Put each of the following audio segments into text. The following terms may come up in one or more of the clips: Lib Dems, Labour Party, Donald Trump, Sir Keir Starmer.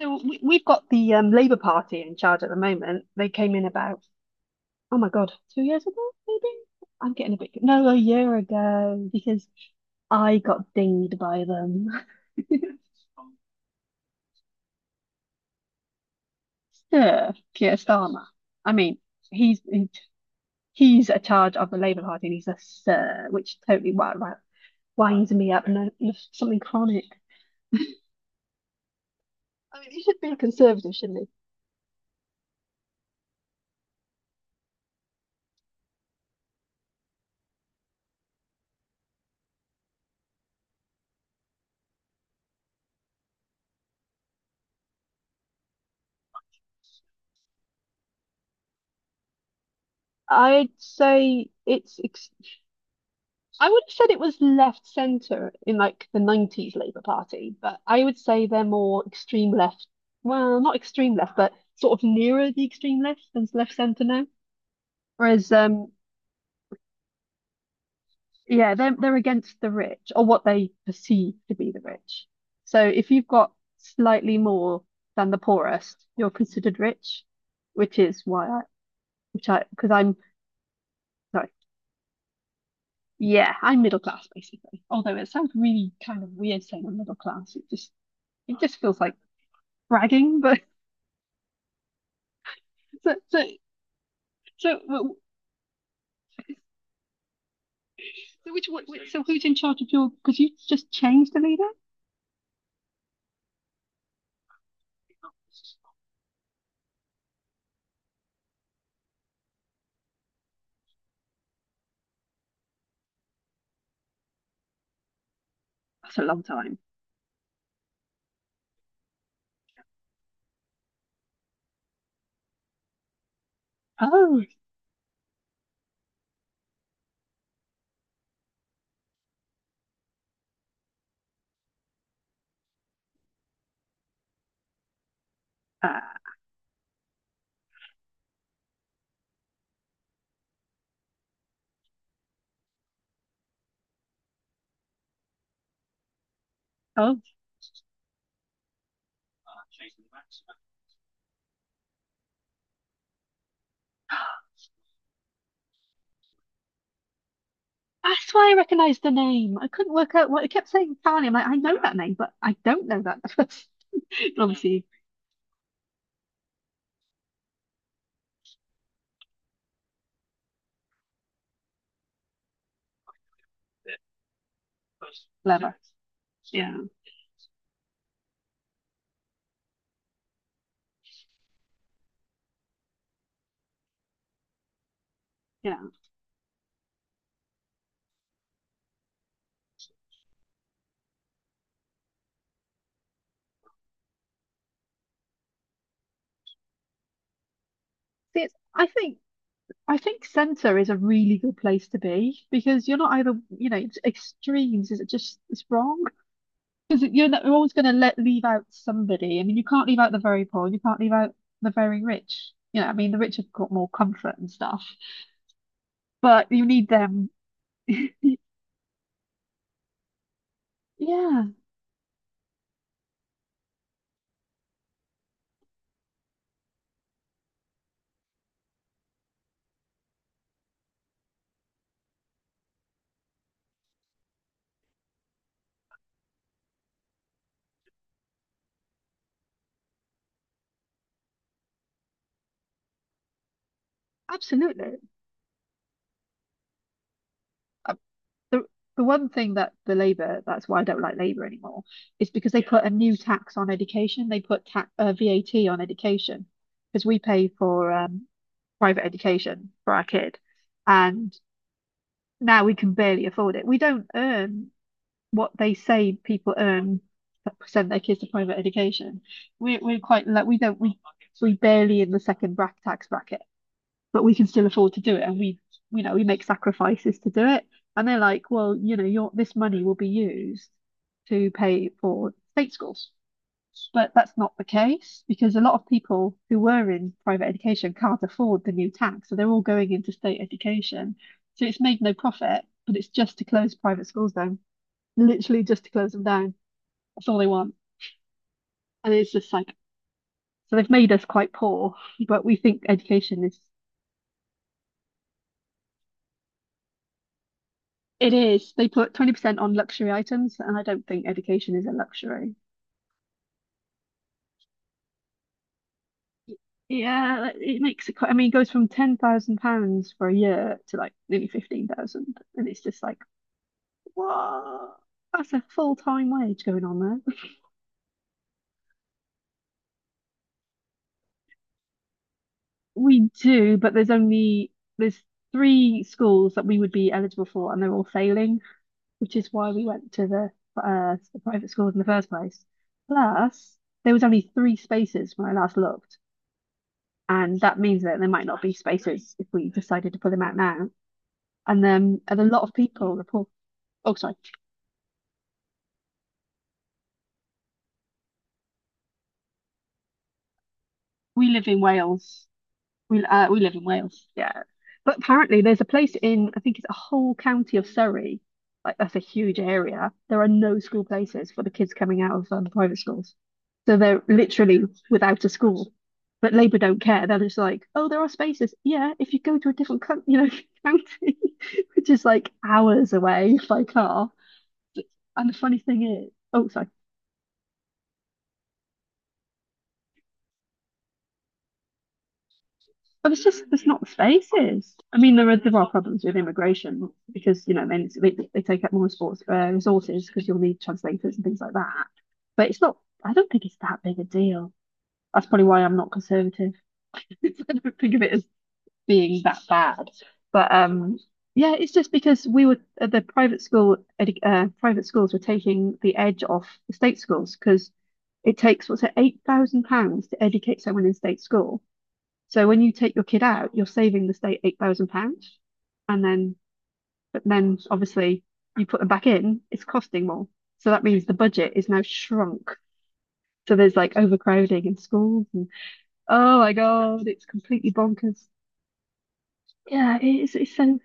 So we've got the Labour Party in charge at the moment. They came in about, oh my God, 2 years ago, maybe? I'm getting a bit, no, a year ago, because I got dinged by them. Sir Keir Starmer. I mean, he's he's a charge of the Labour Party and he's a sir, which totally winds me up. No, no, something chronic. I mean, he should be a conservative, shouldn't he? I'd say it's ex I would have said it was left centre in like the 90s Labour Party, but I would say they're more extreme left. Well, not extreme left, but sort of nearer the extreme left than left centre now. Whereas, yeah, they're against the rich or what they perceive to be the rich. So if you've got slightly more than the poorest, you're considered rich, which is why I, which because I'm sorry, yeah, I'm middle class basically. Although it sounds really kind of weird saying I'm middle class, it just feels like bragging, but so so so, so which what so who's in charge of your? Because you just changed the leader. That's a long time. Oh, uh, oh, that's why I recognised the name. I couldn't work out what I kept saying. Tali, I'm like, I know that name, but I don't know that. Obviously, clever. Yeah, yeah. See, I think centre is a really good place to be because you're not either, you know, it's extremes is it just it's wrong. Because you're not, you're always going to let leave out somebody. I mean, you can't leave out the very poor, and you can't leave out the very rich. You know, I mean, the rich have got more comfort and stuff, but you need them. Yeah, absolutely. Uh, The the one thing that the Labour, that's why I don't like Labour anymore, is because they put a new tax on education. They put tax, VAT on education because we pay for private education for our kid, and now we can barely afford it. We don't earn what they say people earn that send their kids to private education. We're quite like we don't we barely in the second bracket tax bracket, but we can still afford to do it, and we you know we make sacrifices to do it. And they're like, well, you know, your this money will be used to pay for state schools, but that's not the case because a lot of people who were in private education can't afford the new tax, so they're all going into state education. So it's made no profit, but it's just to close private schools down literally just to close them down. That's all they want. And it's just like, so they've made us quite poor, but we think education is, it is. They put 20% on luxury items, and I don't think education is a luxury. Yeah, like, it makes it quite, I mean, it goes from £10,000 for a year to like nearly 15,000. And it's just like, whoa, that's a full-time wage going on there. We do, but there's only, there's three schools that we would be eligible for, and they're all failing, which is why we went to the private schools in the first place. Plus, there was only three spaces when I last looked, and that means that there might not be spaces if we decided to put them out now. And then and a lot of people report. Oh, sorry, we live in Wales, we live in Wales, yeah. But apparently, there's a place in I think it's a whole county of Surrey, like that's a huge area. There are no school places for the kids coming out of private schools, so they're literally without a school. But Labour don't care. They're just like, oh, there are spaces. Yeah, if you go to a different coun you know, county, which is like hours away by car. And the funny thing is, oh, sorry. But it's just there's not spaces. I mean, there are problems with immigration because you know then they take up more sports resources because you'll need translators and things like that. But it's not. I don't think it's that big a deal. That's probably why I'm not conservative. I don't think of it as being that bad. But yeah, it's just because we were the private school edu- private schools were taking the edge off the state schools because it takes what's it £8,000 to educate someone in state school, so when you take your kid out, you're saving the state £8,000, and then but then obviously you put them back in, it's costing more. So that means the budget is now shrunk. So there's like overcrowding in schools, and oh my God, it's completely bonkers. Yeah, it's so.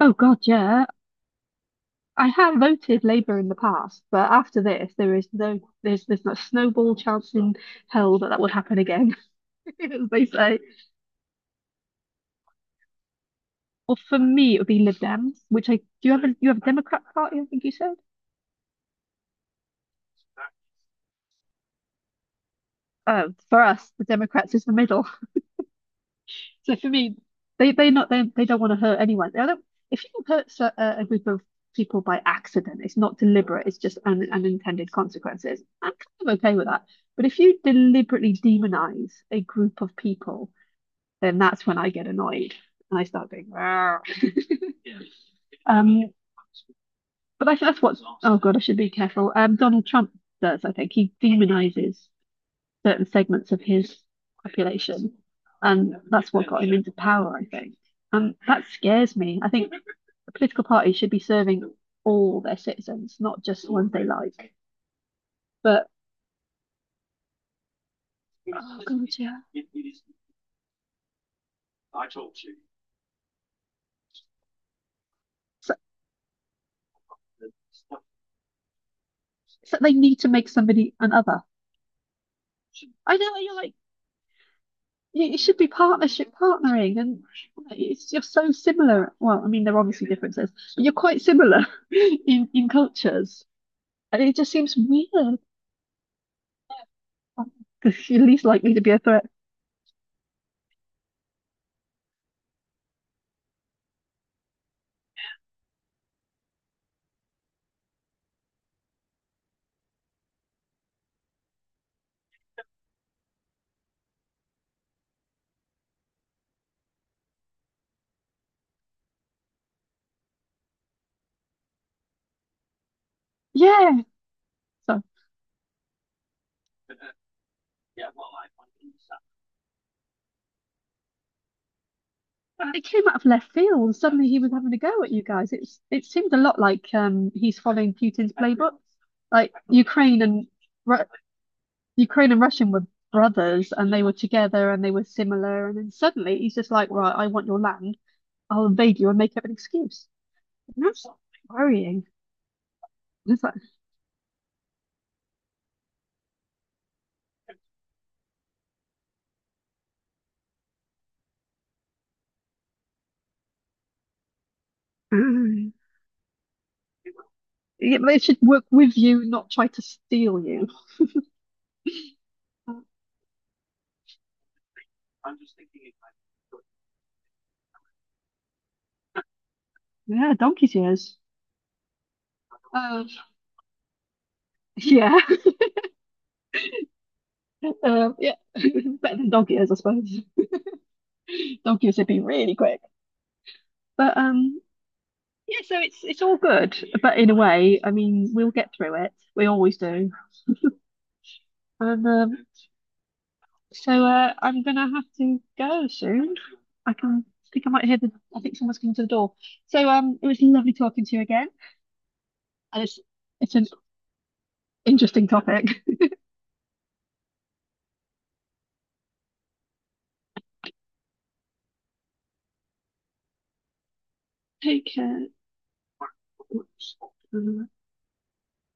Oh God, yeah. I have voted Labour in the past, but after this, there's no snowball chance in hell that that would happen again, as they say. Well, for me, it would be Lib Dems, which I do you have a Democrat Party, I think you said? uh, for us, the Democrats is the middle. So for me, they not they, they don't want to hurt anyone. They don't, if you hurt a group of people by accident, it's not deliberate. It's just unintended consequences. I'm kind of okay with that. But if you deliberately demonize a group of people, then that's when I get annoyed and I start being rare. Um, but I think that's what. Oh God, I should be careful. Donald Trump does. I think he demonizes certain segments of his population. And that's what got him into power, I think. And that scares me. I think a political party should be serving all their citizens, not just the ones they like. But oh god, yeah. So, so they need to make somebody an other. I know you're like it should be partnership partnering and it's you're so similar. Well, I mean there are obviously differences, but you're quite similar in cultures. And it just seems weird. Oh, 'cause you're least likely to be a threat. Yeah, so it came out of left field, and suddenly he was having a go at you guys. It's it seemed a lot like he's following Putin's playbook. Like Ru- Ukraine and Russian were brothers, and they were together, and they were similar. And then suddenly he's just like, right, I want your land. I'll invade you and make up an excuse. And that's worrying. It's like, mm. Yeah, they should work with you, not try to steal you. Yeah, donkey's ears. Uh, yeah, uh, yeah, better than donkey ears, I suppose. Dog years would be really quick. But yeah, so it's all good. But in a way, I mean, we'll get through it. We always do. And so I'm gonna have to go soon. I think I might hear the. I think someone's coming to the door. So it was lovely talking to you again, and it's an interesting topic. Take care.